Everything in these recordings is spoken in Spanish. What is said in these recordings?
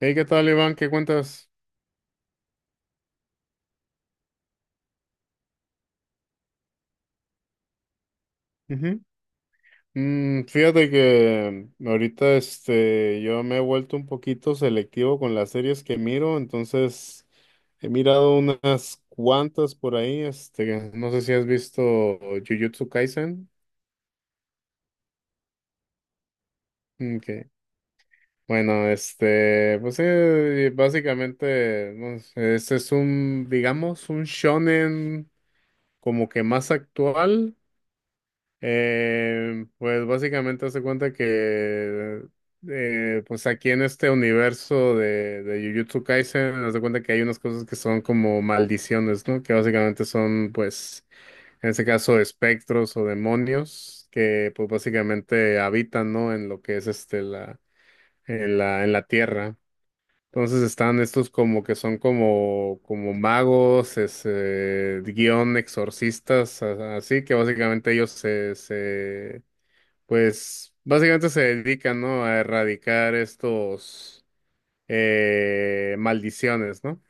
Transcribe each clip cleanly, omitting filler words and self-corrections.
Hey, ¿qué tal, Iván? ¿Qué cuentas? Ujú. Fíjate que ahorita yo me he vuelto un poquito selectivo con las series que miro, entonces he mirado unas cuantas por ahí. No sé si has visto Jujutsu Kaisen. Mm, que, Bueno, pues básicamente no sé, este es un, digamos, un shonen como que más actual. Pues básicamente hace cuenta que pues aquí en este universo de Jujutsu Kaisen, hace cuenta que hay unas cosas que son como maldiciones, ¿no? Que básicamente son, pues, en este caso, espectros o demonios que pues básicamente habitan, ¿no? En lo que es en la tierra. Entonces están estos como que son como, como magos, es, guión exorcistas, así que básicamente pues básicamente se dedican, ¿no? A erradicar estos maldiciones, ¿no?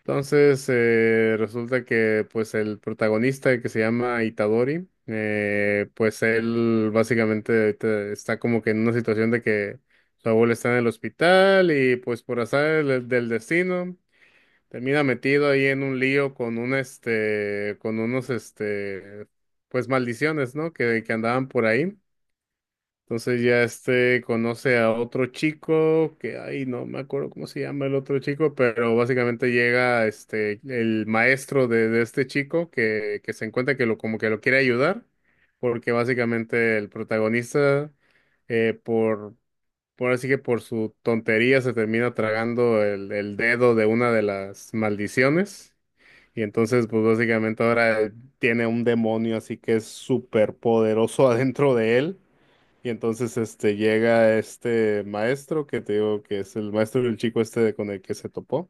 Entonces resulta que pues el protagonista que se llama Itadori, pues él básicamente ahorita está como que en una situación de que su abuelo está en el hospital y pues por azar del destino termina metido ahí en un lío con un este, con unos este, pues maldiciones, ¿no? Que andaban por ahí. Entonces ya este conoce a otro chico que, ay, no me acuerdo cómo se llama el otro chico, pero básicamente llega este el maestro de este chico que se encuentra que lo como que lo quiere ayudar, porque básicamente el protagonista eh, por, por así que por su tontería se termina tragando el dedo de una de las maldiciones. Y entonces, pues básicamente ahora tiene un demonio así que es súper poderoso adentro de él. Y entonces este llega este maestro que te digo que es el maestro del chico este con el que se topó.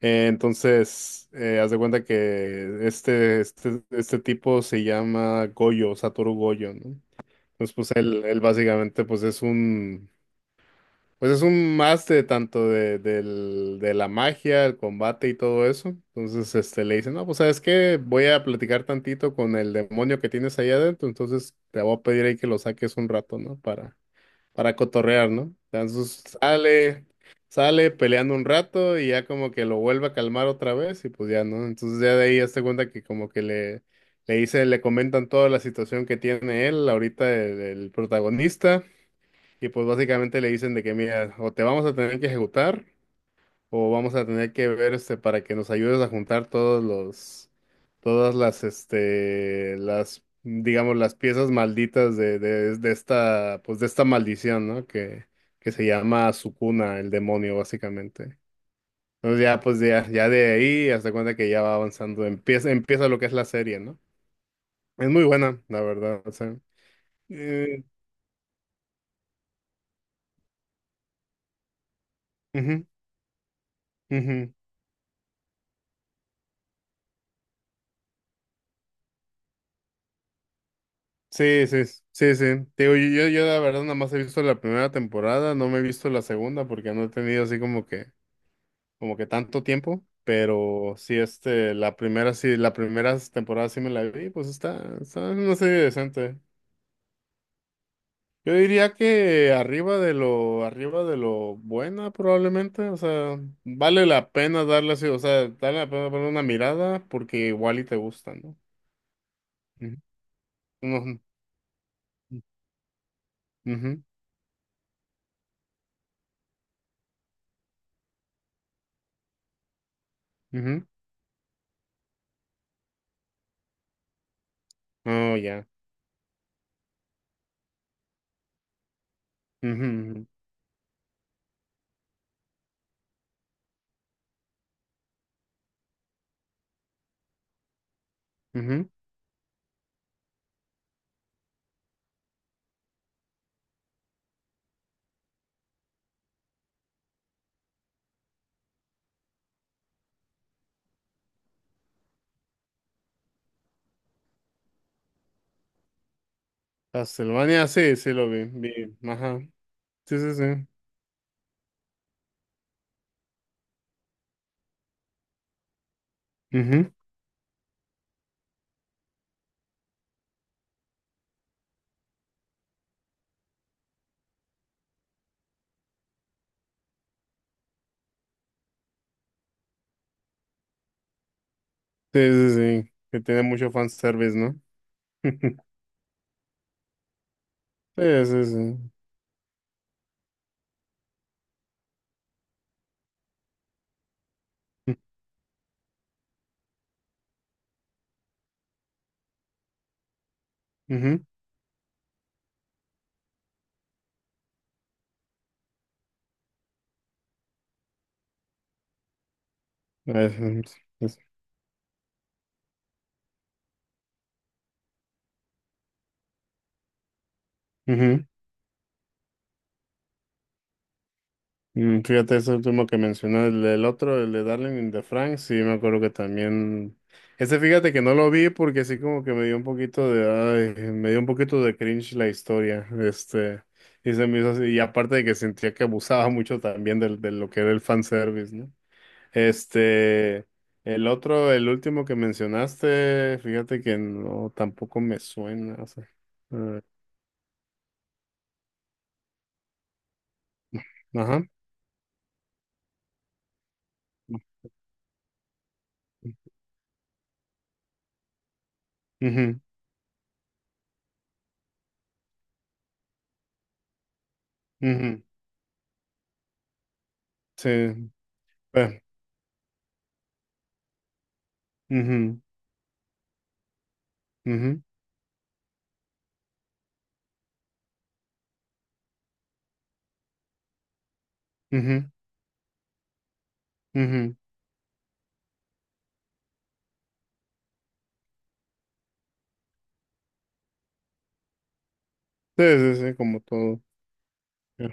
Entonces, haz de cuenta que este tipo se llama Goyo, Satoru Goyo, ¿no? Entonces, pues él básicamente pues es un máster tanto de la magia, el combate y todo eso. Entonces, este le dice, no, pues sabes qué, voy a platicar tantito con el demonio que tienes ahí adentro, entonces te voy a pedir ahí que lo saques un rato, ¿no? Para cotorrear, ¿no? Sale peleando un rato y ya como que lo vuelve a calmar otra vez y pues ya, ¿no? Entonces ya de ahí ya se cuenta que le dice, le comentan toda la situación que tiene él ahorita, el protagonista, y pues básicamente le dicen de que, mira, o te vamos a tener que ejecutar. O vamos a tener que ver este para que nos ayudes a juntar todas las, digamos, las piezas malditas de esta, pues de esta maldición, ¿no? Que se llama Sukuna, el demonio, básicamente. Entonces ya, ya de ahí, hasta cuenta que ya va avanzando. Empieza lo que es la serie, ¿no? Es muy buena, la verdad. O sea, eh, ujú, ujú. Sí, sí, sí, sí. Te Digo, yo la verdad nada más he visto la primera temporada, no me he visto la segunda porque no he tenido así como que tanto tiempo, pero sí, este, la primera temporada sí me la vi, pues está en una serie decente. Yo diría que arriba de lo buena probablemente, o sea, vale la pena darle así, o sea, vale la pena darle una mirada porque igual y te gusta, ¿no? Ujú. No, ujú, ujú, ujú. Oh, ya. Ujú, ujú, ujú. Castlevania, sí, sí lo vi, ajá, sí, sí, sí, ujú, sí, sí, sí, que tiene mucho fanservice, ¿no? Sí, sí, sí, ujú, es- es- ujú. Fíjate, ese último que mencioné, el otro, el de Darling in the Franxx, sí, me acuerdo que también, ese fíjate que no lo vi porque sí como que me dio un poquito de, ay, me dio un poquito de cringe la historia, este, y se me hizo así, y aparte de que sentía que abusaba mucho también de lo que era el fanservice, ¿no? Este, el otro, el último que mencionaste, fíjate que no, tampoco me suena. O sea, eh, ajá. Ujú, ujú, sí. eh, Ujú, ujú, ujú, ujú. Sí, sí, sí, como todo. Ya,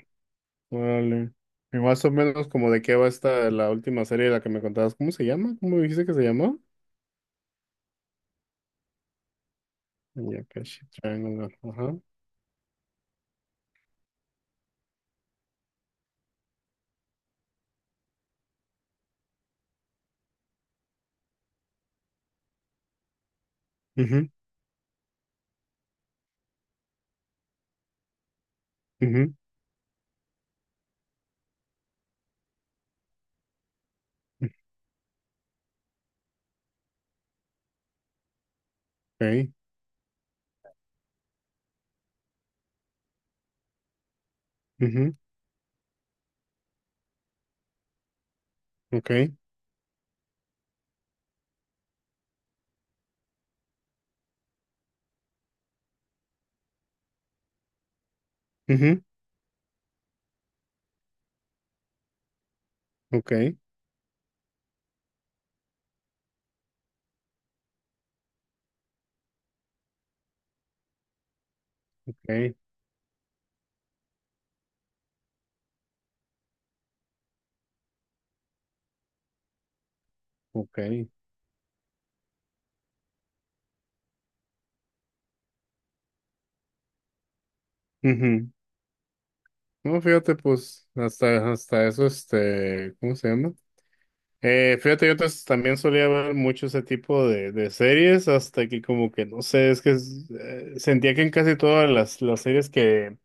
órale. Y más o menos como de qué va esta la última serie de la que me contabas. ¿Cómo se llama? ¿Cómo dijiste que se llamó? Yakashi Triangle. Ajá. Ujú, ujú, ujú, ok, ujú, ok, ujú, ok, ok, ok. Ujú. No, fíjate, pues, hasta eso, este, ¿cómo se llama? Fíjate, yo antes también solía ver mucho ese tipo de series, hasta que como que, no sé, es que sentía que en casi todas las series que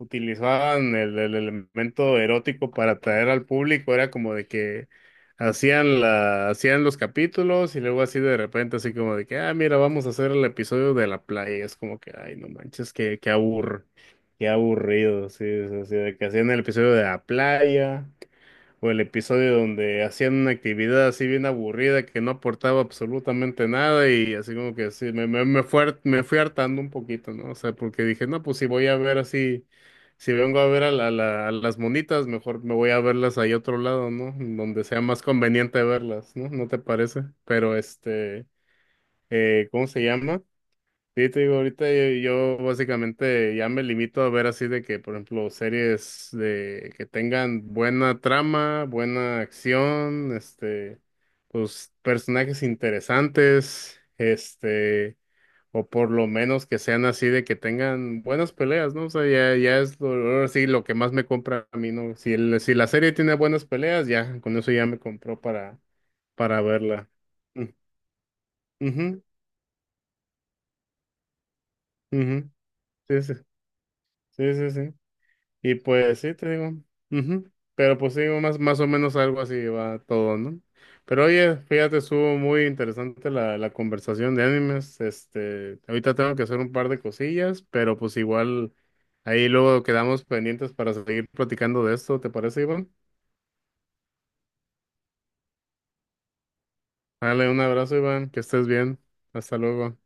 utilizaban el elemento erótico para atraer al público, era como de que hacían hacían los capítulos y luego así de repente así como de que, ah, mira, vamos a hacer el episodio de la playa, y es como que, ay, no manches, qué aburrido, sí, es así de que hacían el episodio de la playa. O el episodio donde hacían una actividad así bien aburrida que no aportaba absolutamente nada y así como que sí, me me fui hartando un poquito, ¿no? O sea, porque dije, no, pues si voy a ver así, si vengo a ver a las monitas, mejor me voy a verlas ahí otro lado, ¿no? Donde sea más conveniente verlas, ¿no? ¿No te parece? Pero este, ¿cómo se llama? Sí, te digo, yo básicamente ya me limito a ver así de que, por ejemplo, series de que tengan buena trama, buena acción, este, pues personajes interesantes, este, o por lo menos que sean así de que tengan buenas peleas, ¿no? O sea, ya es lo, ahora sí lo que más me compra a mí, ¿no? Si la serie tiene buenas peleas, ya, con eso ya me compró para verla. Mm, Ujú, ujú, sí, sí, sí, sí, sí. Y pues sí, te digo. Ujú. Pero pues sí, más o menos algo así va todo, ¿no? Pero oye, fíjate, estuvo muy interesante la conversación de animes. Este, ahorita tengo que hacer un par de cosillas, pero pues igual ahí luego quedamos pendientes para seguir platicando de esto, ¿te parece, Iván? Dale, un abrazo, Iván, que estés bien. Hasta luego.